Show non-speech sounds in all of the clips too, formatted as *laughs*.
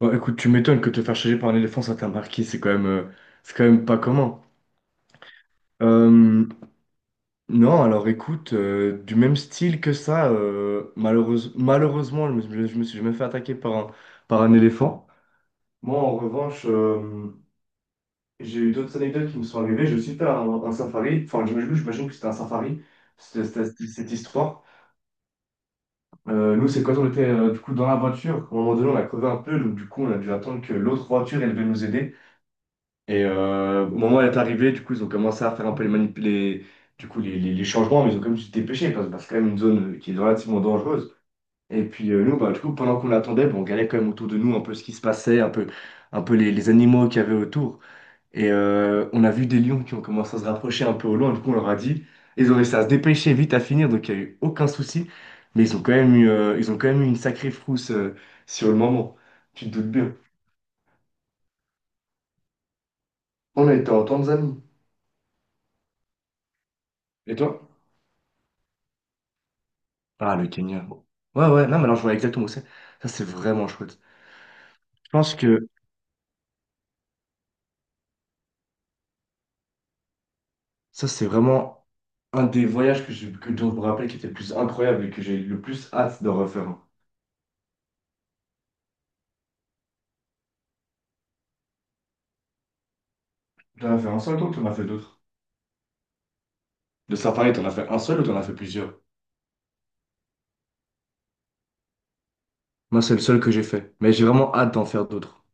Bon, écoute, tu m'étonnes que te faire charger par un éléphant, ça t'a marqué, c'est quand même pas commun. Euh, non, alors écoute, du même style que ça, malheureusement, je me suis jamais fait attaquer par un éléphant. Moi, en revanche, j'ai eu d'autres anecdotes qui me sont arrivées. J'ai aussi fait un safari, enfin, j'imagine que c'était un safari, c'était cette histoire. Nous, c'est quand on était du coup dans la voiture, à un moment donné, on a crevé un peu, donc du coup, on a dû attendre que l'autre voiture, elle devait nous aider. Au moment où elle est arrivée, du coup, ils ont commencé à faire un peu les, manip- les, du coup, les changements, mais ils ont quand même dû se dépêcher parce que c'est quand même une zone qui est relativement dangereuse. Et puis nous, bah, du coup, pendant qu'on l'attendait, bah, on regardait quand même autour de nous un peu ce qui se passait, les animaux qu'il y avait autour. On a vu des lions qui ont commencé à se rapprocher un peu au loin, du coup, on leur a dit. Ils ont réussi à se dépêcher vite à finir, donc il n'y a eu aucun souci. Mais ils ont quand même eu une sacrée frousse sur le moment. Tu te doutes bien. On a été en Tanzanie. Et toi? Ah, le Kenya. Ouais, ouais, non, mais alors je vois exactement où c'est. Ça, c'est vraiment chouette. Je pense que ça, c'est vraiment un des voyages que dont je me rappelle qui était le plus incroyable et que j'ai le plus hâte de refaire. Un. T'en as fait un seul, toi, ou t'en as fait d'autres? De safari, t'en as fait un seul ou t'en as fait plusieurs? Moi, c'est le seul que j'ai fait. Mais j'ai vraiment hâte d'en faire d'autres.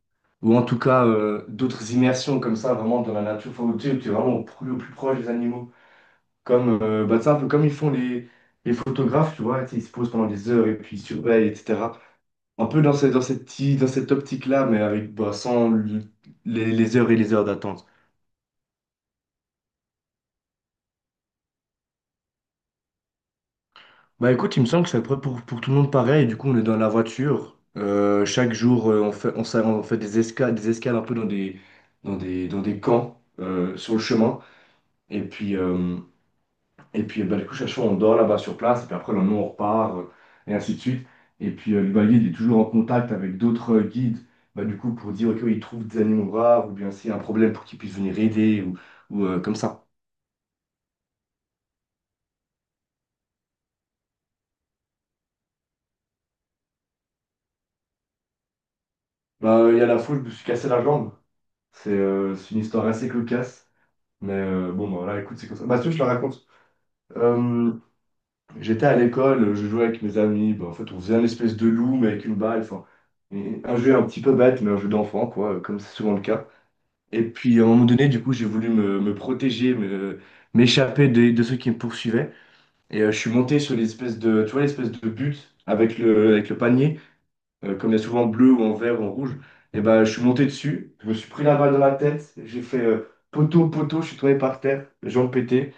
Ou en tout cas, d'autres immersions comme ça, vraiment dans la nature. Faut, tu sais, t'es vraiment au plus proche des animaux. Comme, bah, c'est un peu comme ils font les photographes, tu vois. Tu sais, ils se posent pendant des heures et puis ils surveillent, etc. Un peu dans cette, dans cette optique-là, mais avec bah, sans le- les heures et les heures d'attente. Bah écoute, il me semble que c'est à peu près pour tout le monde pareil. Du coup, on est dans la voiture. Chaque jour, on fait des escales, un peu dans des, dans des camps sur le chemin. Et puis, euh, Et puis, bah, du coup, chaque fois, on dort là-bas sur place, et puis après, le lendemain, on repart, et ainsi de suite. Et puis, le guide est toujours en contact avec d'autres guides, bah, du coup, pour dire, OK, oui, ils trouvent des animaux rares, ou bien s'il y a un problème pour qu'ils puissent venir aider, comme ça. Bah, il y a la fois où je me suis cassé la jambe. C'est une histoire assez cocasse, mais bon, bah, voilà, écoute, c'est comme ça. Bah, si, tu veux, je te la raconte. Euh, J'étais à l'école, je jouais avec mes amis, bah, en fait, on faisait une espèce de loup, mais avec une balle, enfin, et un jeu un petit peu bête, mais un jeu d'enfant, quoi, comme c'est souvent le cas. Et puis à un moment donné, du coup, j'ai voulu me protéger, m'échapper de ceux qui me poursuivaient. Je suis monté sur l'espèce de, tu vois, l'espèce de but avec avec le panier, comme il y a souvent en bleu ou en vert ou en rouge. Et ben, je suis monté dessus, je me suis pris la balle dans la tête, j'ai fait poteau, poteau, je suis tombé par terre, jambes pétées.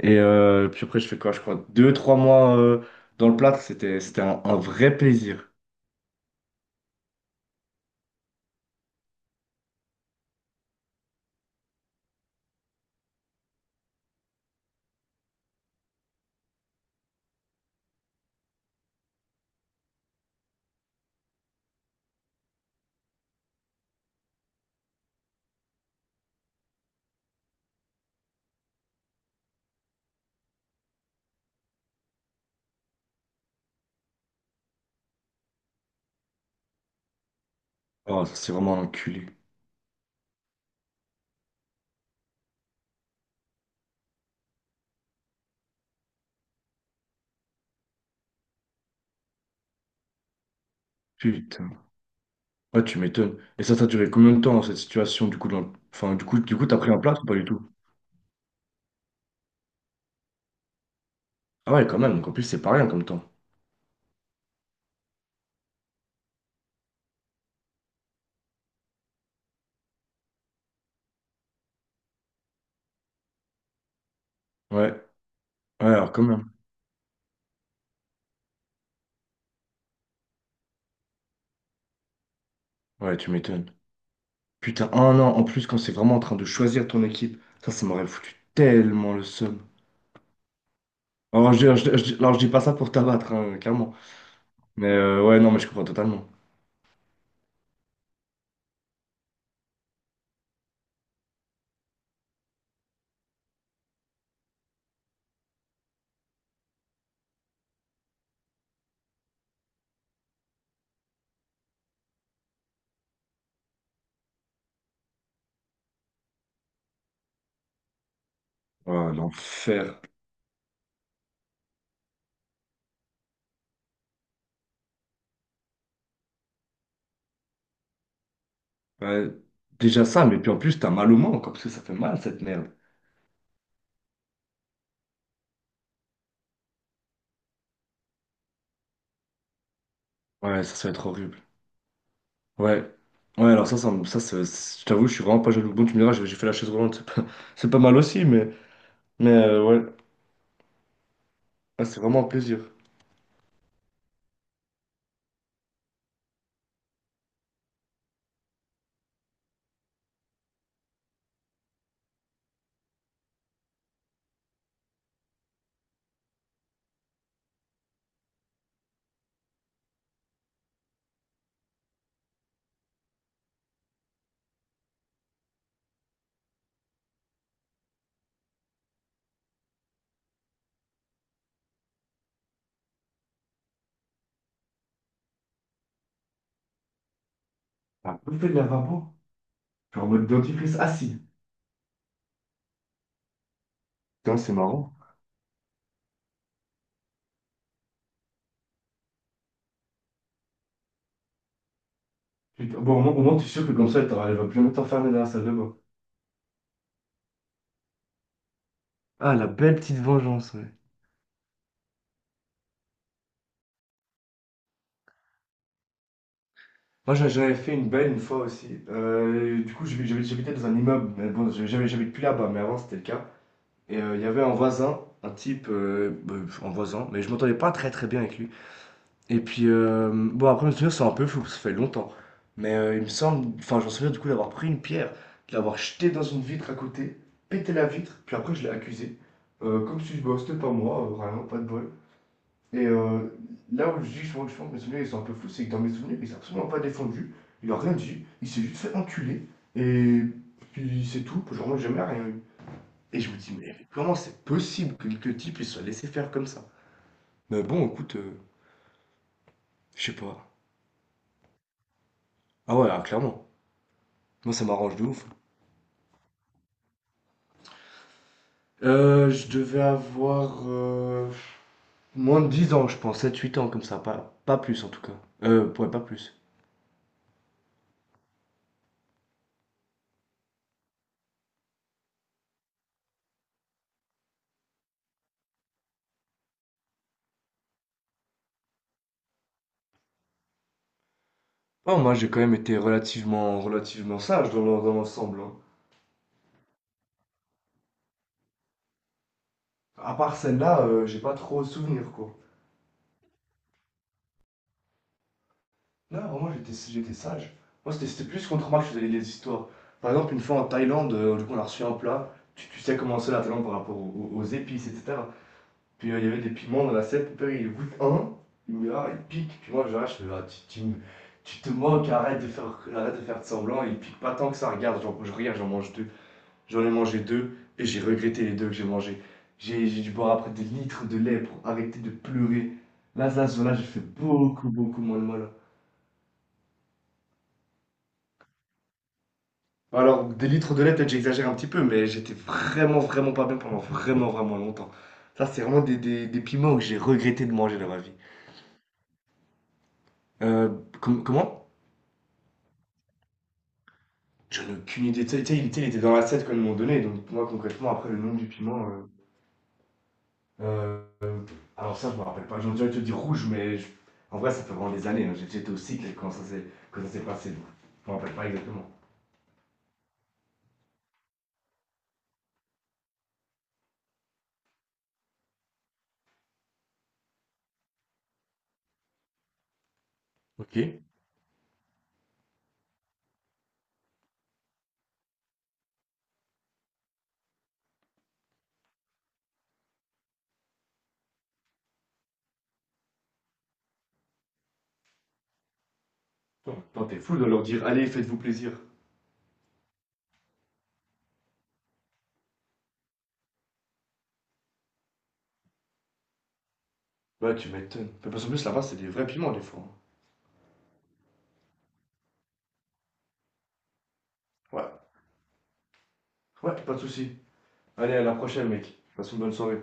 Puis après, je fais quoi? Je crois 2, 3 mois dans le plâtre, c'était un vrai plaisir. Oh, c'est vraiment un enculé. Putain. Ouais, tu m'étonnes. Et ça a duré combien de temps, cette situation, du coup, dans... enfin, du coup, t'as pris un plâtre ou pas du tout? Ah ouais, quand même, donc en plus, c'est pas rien comme temps. Ouais, ouais, alors quand même. Ouais, tu m'étonnes. Putain, un an en plus quand c'est vraiment en train de choisir ton équipe, ça m'aurait foutu tellement le seum. Alors, je dis pas ça pour t'abattre, hein, clairement. Mais ouais, non, mais je comprends totalement. Ouais, l'enfer. Ouais, déjà ça, mais puis en plus, t'as mal au manque, hein, parce que ça fait mal, cette merde. Ouais, ça va être horrible. Ouais. Ouais, alors ça, je t'avoue, je suis vraiment pas jaloux. Bon, tu me diras, j'ai fait la chaise roulante, c'est pas, *laughs* c'est pas mal aussi, ouais, Ah, c'est vraiment un plaisir. Ah, vous faites de la vapeur? Genre en mode dentifrice assis. Putain, c'est marrant. Putain, bon, au moins, tu es sûr que comme ça, elle va plus jamais t'enfermer dans la salle de bain. Ah, la belle petite vengeance, ouais. Moi, j'avais fait une belle une fois aussi. Du coup, j'habitais dans un immeuble, mais bon, j'habite plus là-bas, mais avant, c'était le cas. Il y avait un voisin, un type, bah, un voisin, mais je m'entendais pas très très bien avec lui. Et puis, bon, après, me souvenir, c'est un peu flou, parce que ça fait longtemps. Mais il me semble, enfin, j'en souviens du coup d'avoir pris une pierre, de l'avoir jetée dans une vitre à côté, pété la vitre, puis après, je l'ai accusé. Comme si je bah, c'était pas moi, vraiment, pas de bol. Et euh, Là où je dis souvent que je pense que mes souvenirs ils sont un peu fous, c'est que dans mes souvenirs, il s'est absolument pas défendu, il a rien dit, il s'est juste fait enculer, et puis c'est tout, genre, moi, j'ai jamais rien eu. Et je me dis, mais comment c'est possible que le type il soit laissé faire comme ça? Mais bon, écoute, je sais pas. Ah ouais, alors, clairement. Moi, ça m'arrange de ouf. Je devais avoir moins de 10 ans, je pense, 7 8 ans comme ça, pas plus en tout cas. Ouais, pas plus. Oh, moi j'ai quand même été relativement, relativement sage dans dans l'ensemble, hein. À part celle-là, j'ai pas trop souvenir quoi. Non, vraiment j'étais sage. Moi c'était plus contre moi que je faisais les histoires. Par exemple, une fois en Thaïlande, du coup on a reçu un plat. Tu sais comment c'est la Thaïlande par rapport aux épices, etc. Puis il y avait des piments dans l'assiette. Mon père, il goûte un, il me dit, ah, il pique. Puis moi, je regarde, fais, ah, tu te moques, arrête de faire de semblant. Il pique pas tant que ça. Regarde, je regarde, j'en mange deux. J'en ai mangé deux et j'ai regretté les deux que j'ai mangés. J'ai dû boire après des litres de lait pour arrêter de pleurer. Là, là, ce là j'ai fait beaucoup, beaucoup moins de mal. Alors, des litres de lait, peut-être j'exagère un petit peu, mais j'étais vraiment, vraiment pas bien pendant vraiment, vraiment longtemps. Ça, c'est vraiment des piments que j'ai regretté de manger dans ma vie. Euh, Comment? J'en ai aucune idée. Tu sais, il était dans la 7 quand ils m'ont donné. Donc, pour moi, concrètement, après, le nom du piment. Euh, alors, ça, je me rappelle pas. J'en dirais te dire rouge, mais en vrai, ça fait vraiment des années, hein. J'étais au cycle quand ça s'est passé. Donc, je me rappelle pas exactement. Ok. Putain, t'es fou de leur dire, allez, faites-vous plaisir. Ouais, tu m'étonnes. Mais parce qu'en plus, là-bas, c'est des vrais piments, des fois, hein. Ouais. Ouais, pas de soucis. Allez, à la prochaine, mec. Passe une bonne soirée.